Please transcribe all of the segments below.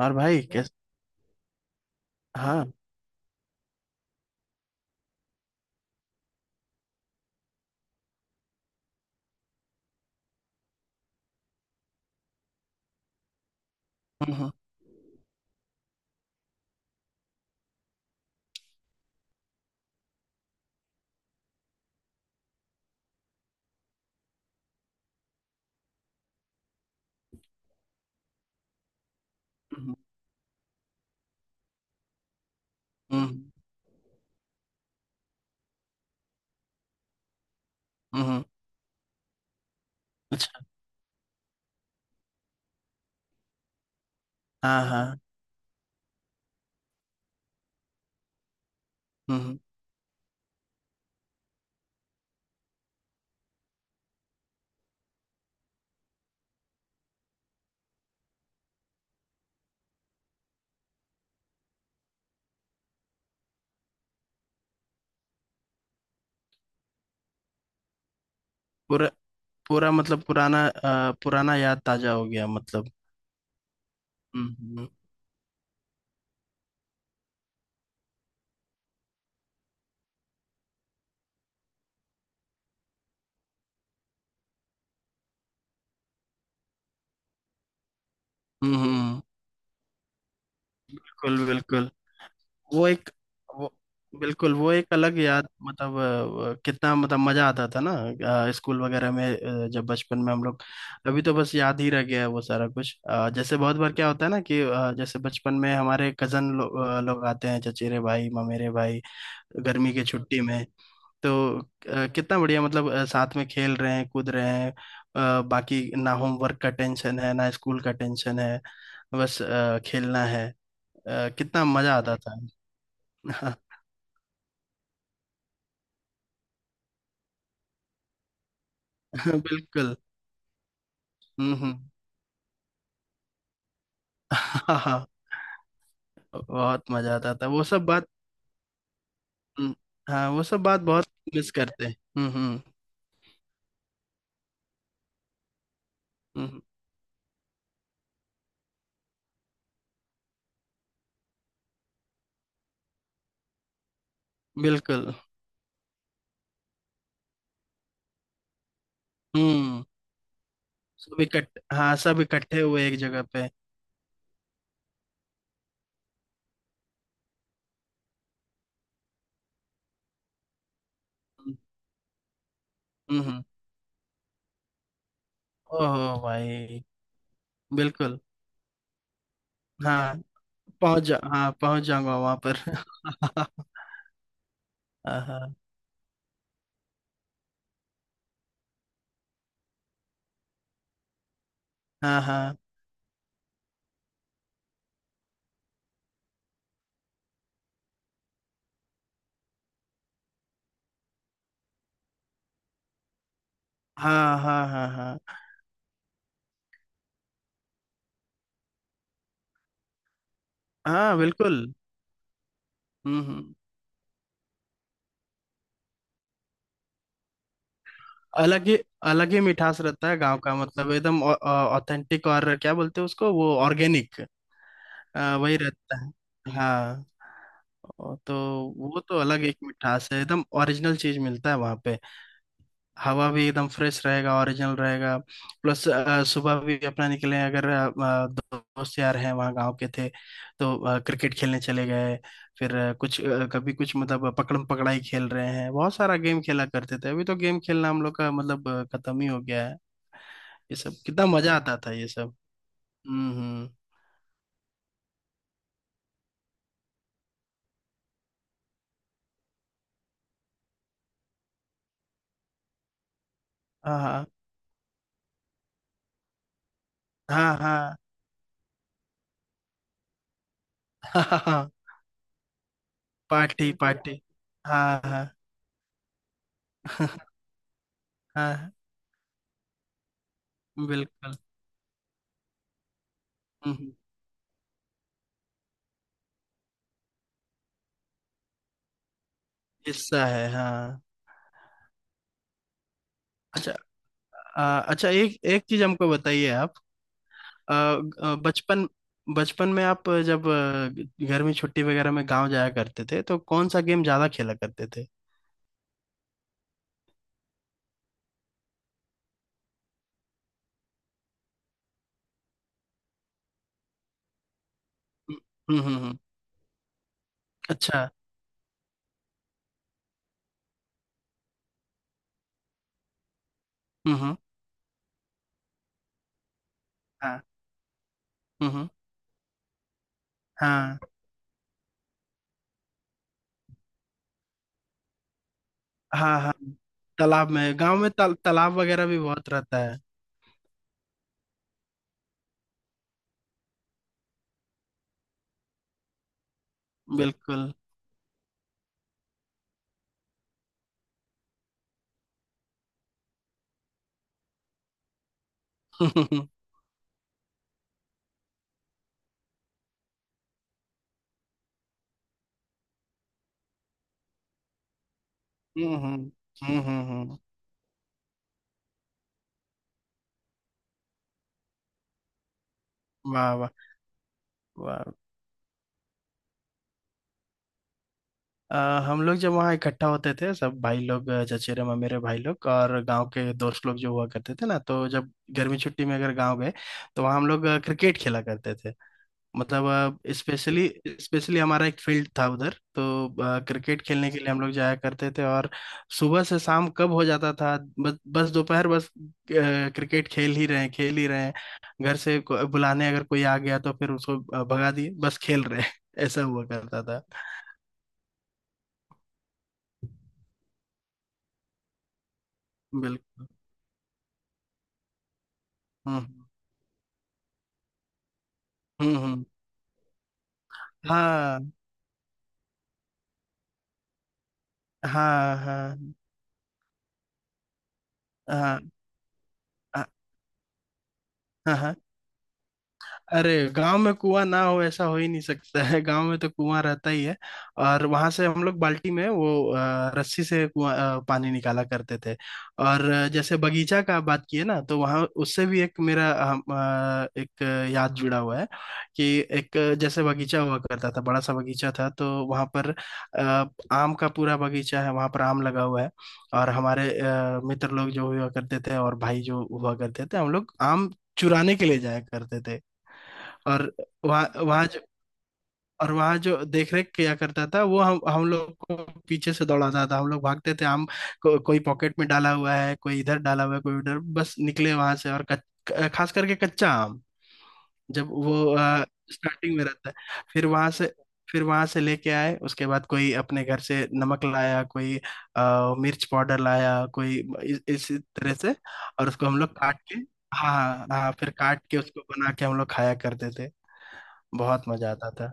और भाई कैसे। हाँ। हम्म हम्म हम्म, हम्म, हम्म, अच्छा। हाँ हाँ। हम्म हम्म, पूरा पूरा मतलब पुराना याद ताजा हो गया मतलब। हम्म हम्म हम्म, बिल्कुल बिल्कुल। वो एक वो बिल्कुल वो एक अलग याद मतलब कितना मतलब मजा आता था ना। स्कूल वगैरह में जब बचपन में हम लोग अभी तो बस याद ही रह गया है वो सारा कुछ, जैसे बहुत बार क्या होता है ना कि जैसे बचपन में हमारे लोग आते हैं, चचेरे भाई, ममेरे भाई, गर्मी की छुट्टी में। तो कितना बढ़िया मतलब साथ में खेल रहे हैं, कूद रहे हैं, बाकी ना होमवर्क का टेंशन है ना स्कूल का टेंशन है, बस खेलना है। कितना मजा आता था। हाँ, बिल्कुल। हम्म हम्म। हाँ हाँ, बहुत मजा आता था वो सब बात। हम्म, हाँ वो सब बात बहुत मिस करते हैं। हम्म, हम्म, बिल्कुल। हम्म। सब इकट्ठ हाँ सब इकट्ठे हुए एक जगह पे। हम्म हम्म, हम्म। ओहो भाई। बिल्कुल। हाँ पहुंच जा हाँ पहुंच जाऊंगा वहां पर हाँ हाँ हाँ हाँ हाँ हाँ हाँ हाँ हाँ, बिल्कुल। हम्म हम्म। अलग ही अलग ही मिठास रहता है गांव का, मतलब एकदम ऑथेंटिक। और क्या बोलते हैं उसको, वो ऑर्गेनिक, वही रहता है। हाँ। ओ, तो वो तो अलग एक मिठास है, एकदम ओरिजिनल चीज मिलता है वहां पे। हवा भी एकदम फ्रेश रहेगा, ओरिजिनल रहेगा। प्लस सुबह भी अपना निकले, अगर दोस्त यार हैं वहाँ, गांव के थे, तो क्रिकेट खेलने चले गए, फिर कुछ कभी कुछ, मतलब पकड़म पकड़ाई खेल रहे हैं, बहुत सारा गेम खेला करते थे। अभी तो गेम खेलना हम लोग का मतलब खत्म ही हो गया है। ये सब कितना मजा आता था ये सब। हम्म। हाँ हाँ हाँ हाँ। हाँ। Party party. हाँ हाँ हाँ। बिल्कुल। हम्म, हिस्सा है हाँ। अच्छा। आ, अच्छा, एक एक चीज हमको बताइए आप। आ, आ, बचपन बचपन में आप जब घर में छुट्टी वगैरह में गांव जाया करते थे तो कौन सा गेम ज्यादा खेला करते थे? हम्म हम्म हम्म, हम्म। अच्छा। हम्म। हाँ। हम्म हम्म, हाँ हाँ हाँ। तालाब में गांव में तालाब वगैरह भी बहुत रहता है। बिल्कुल। हम्म हम्म हम्म हम्म हम्म, वाह वाह वाह। अ, हम लोग जब वहाँ इकट्ठा होते थे सब भाई लोग, चचेरे ममेरे भाई लोग और गांव के दोस्त लोग जो हुआ करते थे ना, तो जब गर्मी छुट्टी में अगर गांव गए तो वहाँ हम लोग क्रिकेट खेला करते थे, मतलब स्पेशली। स्पेशली हमारा एक फील्ड था उधर, तो क्रिकेट खेलने के लिए हम लोग जाया करते थे, और सुबह से शाम कब हो जाता था, बस बस दोपहर बस क्रिकेट खेल ही रहे हैं, खेल ही रहे हैं। घर से बुलाने अगर कोई आ गया तो फिर उसको भगा दिए, बस खेल रहे हैं ऐसा हुआ करता था। बिल्कुल। हम्म हम्म। हाँ हाँ हाँ हाँ हाँ हाँ हाँ। अरे गांव में कुआं ना हो ऐसा हो ही नहीं सकता है, गांव में तो कुआं रहता ही है। और वहां से हम लोग बाल्टी में वो रस्सी से कुआं पानी निकाला करते थे। और जैसे बगीचा का बात किए ना, तो वहां उससे भी एक मेरा एक याद जुड़ा हुआ है कि एक जैसे बगीचा हुआ करता था, बड़ा सा बगीचा था, तो वहां पर अ, आम का पूरा बगीचा है, वहां पर आम लगा हुआ है। और हमारे मित्र लोग जो हुआ करते थे, और भाई जो हुआ करते थे, हम लोग आम चुराने के लिए जाया करते थे। और वहाँ वहाँ जो और वहाँ जो देख रेख किया करता था वो हम लोग को पीछे से दौड़ाता था, हम लोग भागते थे। कोई पॉकेट में डाला हुआ है, कोई इधर डाला हुआ है, कोई उधर, बस निकले वहां से। और खास करके कच्चा आम, जब वो स्टार्टिंग में रहता है, फिर वहां से, फिर वहां से लेके आए उसके बाद, कोई अपने घर से नमक लाया, कोई मिर्च पाउडर लाया, कोई इस तरह से। और उसको हम लोग काट के, हाँ हाँ हाँ, फिर काट के उसको बना के हम लोग खाया करते थे। बहुत मजा आता था।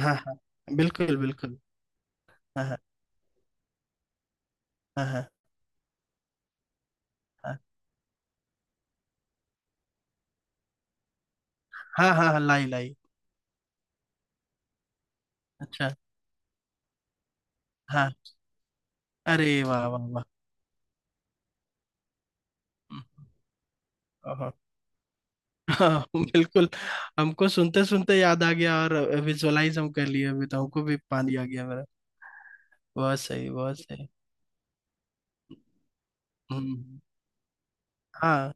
हाँ हाँ। बिल्कुल बिल्कुल। हाँ हाँ हाँ हाँ हाँ हाँ हाँ हाँ, लाई लाई। अच्छा। हाँ। अरे वाह वाह वाह। हम्म, ओहो, हाँ, बिल्कुल। हमको सुनते सुनते याद आ गया, और विजुअलाइज हम कर लिए, अभी तो हमको भी पानी आ गया मेरा। बहुत सही बहुत सही। हम्म हम्म। हाँ,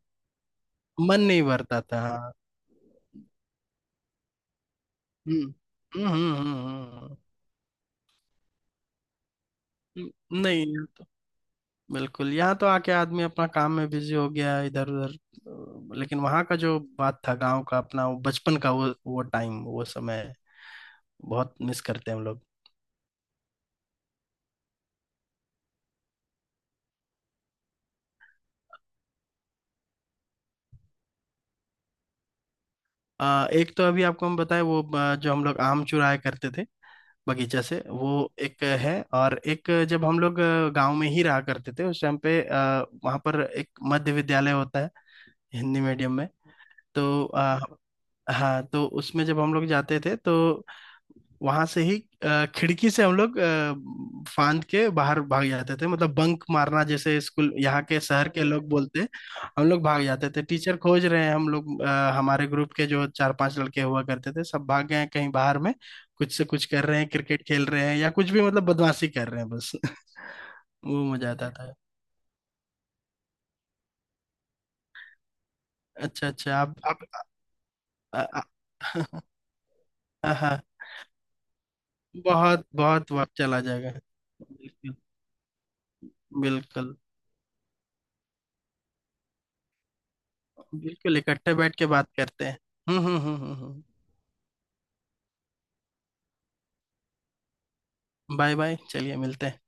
मन नहीं भरता था हाँ। हम्म हम्म हम्म हम्म, हम्म, नहीं। बिल्कुल, यहाँ तो आके आदमी अपना काम में बिजी हो गया इधर उधर, लेकिन वहाँ का जो बात था गांव का, अपना वो बचपन का वो टाइम वो समय बहुत मिस करते हैं हम लोग। एक तो अभी आपको हम बताएं वो जो हम लोग आम चुराया करते थे बगीचा से, वो एक है। और एक, जब हम लोग गांव में ही रहा करते थे उस टाइम पे, वहाँ पर एक मध्य विद्यालय होता है, हिंदी मीडियम में। तो हाँ, तो उसमें जब हम लोग जाते थे, तो वहां से ही खिड़की से हम लोग फांद के बाहर भाग जाते थे। मतलब बंक मारना जैसे स्कूल यहाँ के शहर के लोग बोलते हैं, हम लोग भाग जाते थे। टीचर खोज रहे हैं, हम लोग हमारे ग्रुप के जो चार पांच लड़के हुआ करते थे सब भाग गए हैं कहीं बाहर में, कुछ से कुछ कर रहे हैं, क्रिकेट खेल रहे हैं, या कुछ भी, मतलब बदमाशी कर रहे हैं बस वो मजा आता था। अच्छा अच्छा, आप आ, आ, हाँ हाँ। बहुत बहुत वक्त चला जाएगा। बिल्कुल बिल्कुल। बिल्कुल इकट्ठे बैठ के बात करते हैं। हम्म। बाय बाय, चलिए मिलते हैं।